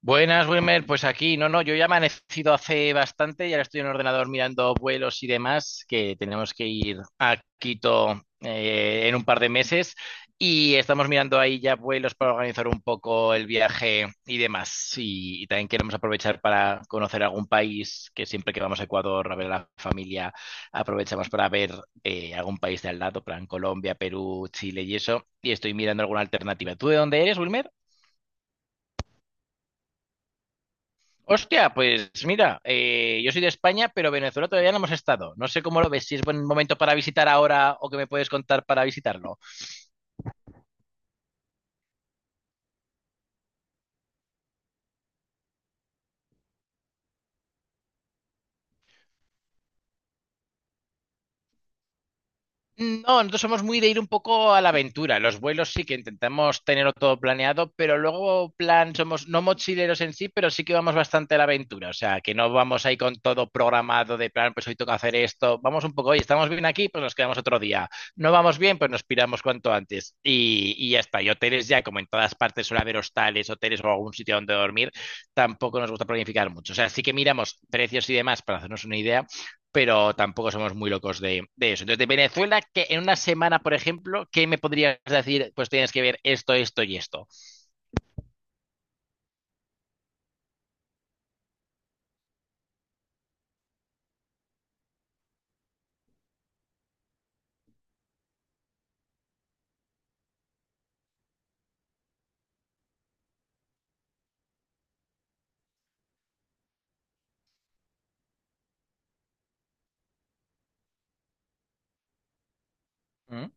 Buenas, Wilmer. Pues aquí, no, no, yo ya he amanecido hace bastante y ahora estoy en el ordenador mirando vuelos y demás, que tenemos que ir a Quito en un par de meses y estamos mirando ahí ya vuelos para organizar un poco el viaje y demás. Y también queremos aprovechar para conocer algún país, que siempre que vamos a Ecuador a ver a la familia, aprovechamos para ver algún país de al lado, plan Colombia, Perú, Chile y eso. Y estoy mirando alguna alternativa. ¿Tú de dónde eres, Wilmer? Hostia, pues mira, yo soy de España, pero Venezuela todavía no hemos estado. No sé cómo lo ves, si es buen momento para visitar ahora o qué me puedes contar para visitarlo. No, nosotros somos muy de ir un poco a la aventura. Los vuelos sí que intentamos tenerlo todo planeado, pero luego, plan, somos no mochileros en sí, pero sí que vamos bastante a la aventura. O sea, que no vamos ahí con todo programado de plan, pues hoy toca hacer esto. Vamos un poco, hoy estamos bien aquí, pues nos quedamos otro día. No vamos bien, pues nos piramos cuanto antes. Y ya está. Y hoteles ya, como en todas partes suele haber hostales, hoteles o algún sitio donde dormir, tampoco nos gusta planificar mucho. O sea, sí que miramos precios y demás para hacernos una idea, pero tampoco somos muy locos de eso. Entonces, de Venezuela, que en una semana, por ejemplo, ¿qué me podrías decir? Pues tienes que ver esto, esto y esto. ¿Mm?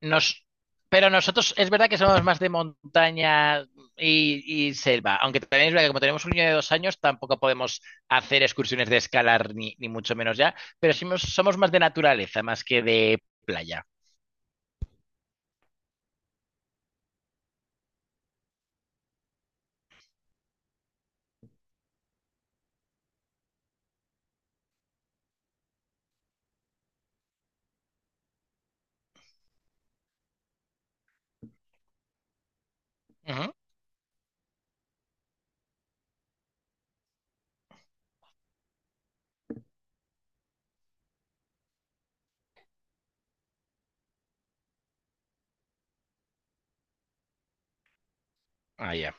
Nos, pero nosotros es verdad que somos más de montaña y selva, aunque también es verdad que como tenemos un niño de 2 años tampoco podemos hacer excursiones de escalar ni mucho menos ya, pero somos más de naturaleza más que de playa. Ujú. Ah, ya.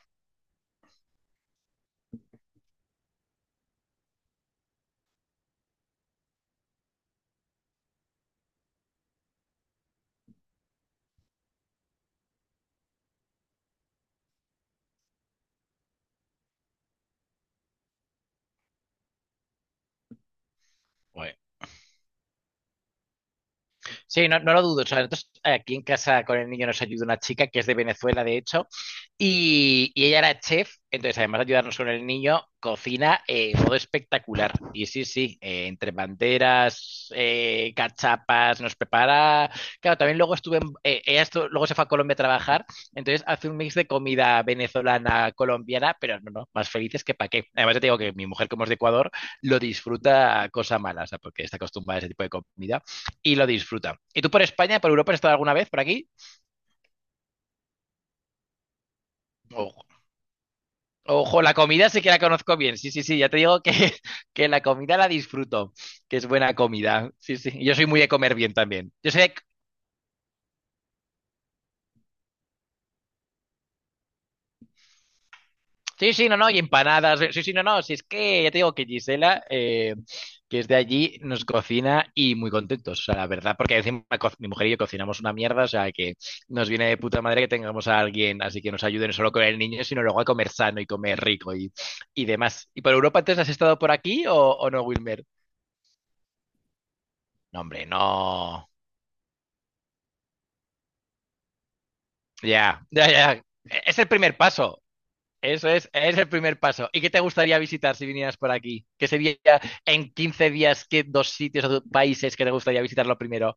Bueno. Sí, no, no lo dudo. O sea, nosotros aquí en casa con el niño nos ayuda una chica que es de Venezuela, de hecho. Y ella era chef, entonces además de ayudarnos con el niño, cocina todo espectacular. Y sí, sí, entre banderas, cachapas, nos prepara. Claro, también luego ella luego se fue a Colombia a trabajar, entonces hace un mix de comida venezolana, colombiana, pero no, no, más felices que pa' qué. Además, ya te digo que mi mujer, como es de Ecuador, lo disfruta a cosa mala, o sea, porque está acostumbrada a ese tipo de comida y lo disfruta. ¿Y tú por España, por Europa, has estado alguna vez por aquí? Ojo, la comida sí que la conozco bien. Sí, sí, sí, ya te digo que, que la comida la disfruto, que es buena comida. Sí, sí. Y yo soy muy de comer bien también. Yo sé, sí, sí, no, no, y empanadas. Sí, sí, no, no. Si es que ya te digo que Gisela, que es de allí, nos cocina y muy contentos, o sea, la verdad, porque encima mi mujer y yo cocinamos una mierda, o sea, que nos viene de puta madre que tengamos a alguien, así que nos ayude no solo con el niño, sino luego a comer sano y comer rico y demás. ¿Y por Europa entonces has estado por aquí o no, Wilmer? No, hombre, no. Ya, ya, ya. Es el primer paso. Eso es el primer paso. ¿Y qué te gustaría visitar si vinieras por aquí? ¿Qué sería en 15 días, qué dos sitios o dos países que te gustaría visitar lo primero?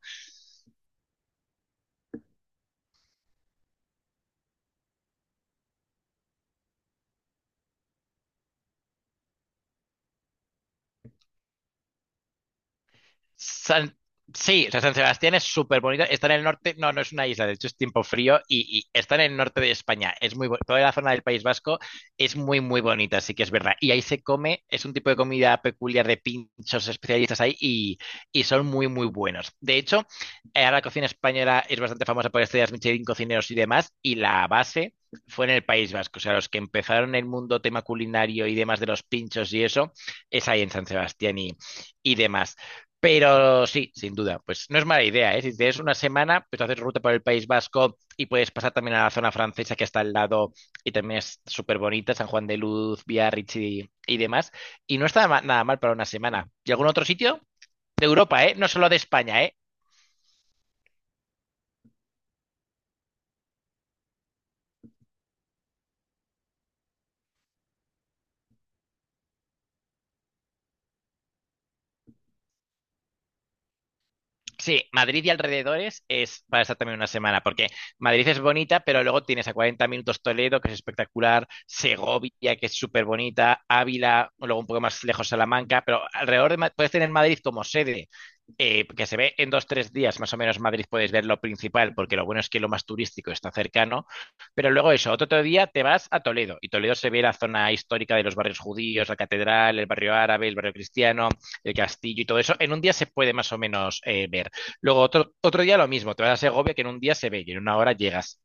San- Sí, o sea, San Sebastián es súper bonito. Está en el norte, no, no es una isla, de hecho es tiempo frío y está en el norte de España. Toda la zona del País Vasco es muy, muy bonita, así que es verdad. Y ahí se come, es un tipo de comida peculiar de pinchos especialistas ahí y son muy, muy buenos. De hecho, la cocina española es bastante famosa por estrellas Michelin, cocineros y demás, y la base fue en el País Vasco. O sea, los que empezaron el mundo tema culinario y demás de los pinchos y eso, es ahí en San Sebastián y demás. Pero sí, sin duda, pues no es mala idea, ¿eh? Si tienes una semana, pues haces ruta por el País Vasco y puedes pasar también a la zona francesa que está al lado y también es súper bonita, San Juan de Luz, Biarritz y demás. Y no está nada mal para una semana. ¿Y algún otro sitio? De Europa, ¿eh? No solo de España, ¿eh? Sí, Madrid y alrededores es para estar también una semana, porque Madrid es bonita, pero luego tienes a 40 minutos Toledo, que es espectacular, Segovia, que es súper bonita, Ávila, o luego un poco más lejos Salamanca, pero alrededor de puedes tener Madrid como sede, que se ve en dos, tres días, más o menos Madrid puedes ver lo principal, porque lo bueno es que lo más turístico está cercano, pero luego eso, otro día te vas a Toledo y Toledo se ve la zona histórica de los barrios judíos, la catedral, el barrio árabe, el barrio cristiano, el castillo y todo eso, en un día se puede más o menos ver. Luego otro día lo mismo, te vas a Segovia que en un día se ve y en una hora llegas.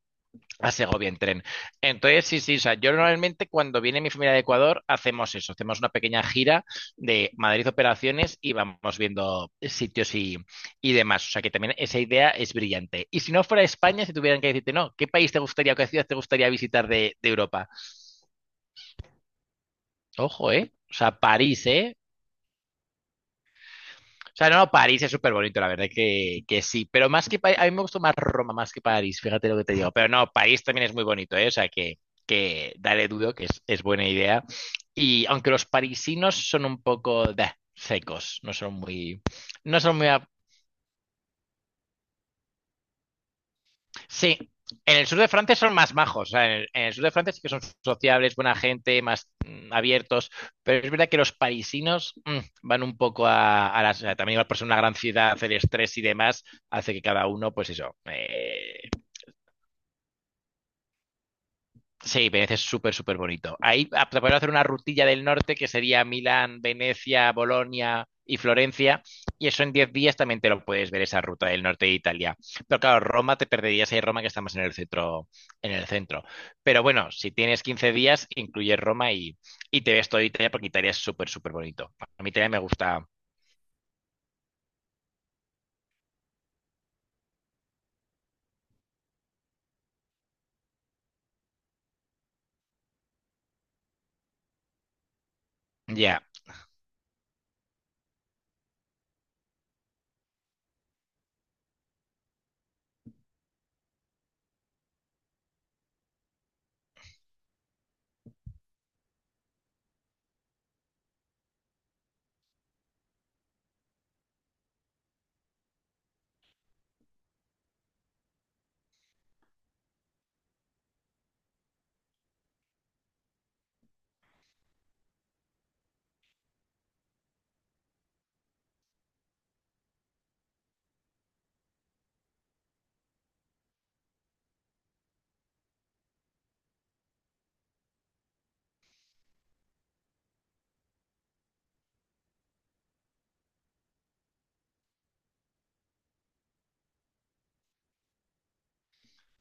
A Segovia en tren. Entonces, sí, sí, o sea, yo normalmente cuando viene mi familia de Ecuador hacemos eso, hacemos una pequeña gira de Madrid operaciones y vamos viendo sitios y demás. O sea, que también esa idea es brillante. Y si no fuera España, si tuvieran que decirte, no, ¿qué país te gustaría o qué ciudad te gustaría visitar de Europa? Ojo, ¿eh? O sea, París, ¿eh? O sea, no, no, París es súper bonito, la verdad que sí. Pero más que París, a mí me gustó más Roma más que París, fíjate lo que te digo. Pero no, París también es muy bonito, ¿eh? O sea, que dale dudo, que es buena idea. Y aunque los parisinos son un poco bah, secos, no son muy, no son muy, Sí, en el sur de Francia son más majos. O sea, en el sur de Francia sí que son sociables, buena gente, más abiertos. Pero es verdad que los parisinos van un poco a las. También igual por ser una gran ciudad, el estrés y demás hace que cada uno, pues eso, eh. Sí, Venecia es súper, súper bonito. Ahí ah, te puedes hacer una rutilla del norte que sería Milán, Venecia, Bolonia y Florencia. Y eso en 10 días también te lo puedes ver, esa ruta del norte de Italia. Pero claro, Roma te perderías ahí Roma que estamos en el centro, en el centro. Pero bueno, si tienes 15 días, incluyes Roma y te ves toda Italia porque Italia es súper, súper bonito. A mí Italia me gusta ya.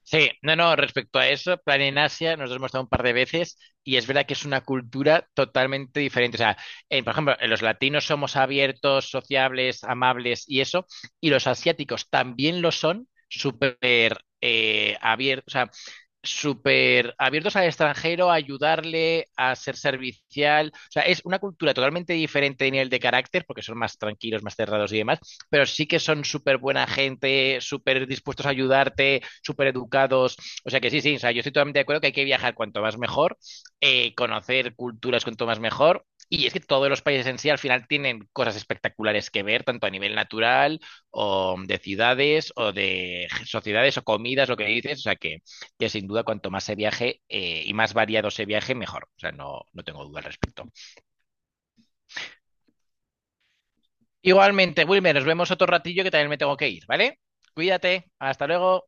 Sí, no, no, respecto a eso, plan en Asia, nos lo hemos dado un par de veces y es verdad que es una cultura totalmente diferente. O sea, por ejemplo, los latinos somos abiertos, sociables, amables y eso, y los asiáticos también lo son, súper abiertos. O sea, súper abiertos al extranjero, a ayudarle, a ser servicial. O sea, es una cultura totalmente diferente a nivel de carácter, porque son más tranquilos, más cerrados y demás, pero sí que son súper buena gente, súper dispuestos a ayudarte, súper educados. O sea que sí, sí, o sea, yo estoy totalmente de acuerdo que hay que viajar cuanto más mejor, conocer culturas cuanto más mejor. Y es que todos los países en sí al final tienen cosas espectaculares que ver, tanto a nivel natural o de ciudades o de sociedades o comidas, lo que dices. O sea que sin duda cuanto más se viaje y más variado se viaje, mejor. O sea, no, no tengo duda al respecto. Igualmente, Wilmer, nos vemos otro ratillo que también me tengo que ir, ¿vale? Cuídate, hasta luego.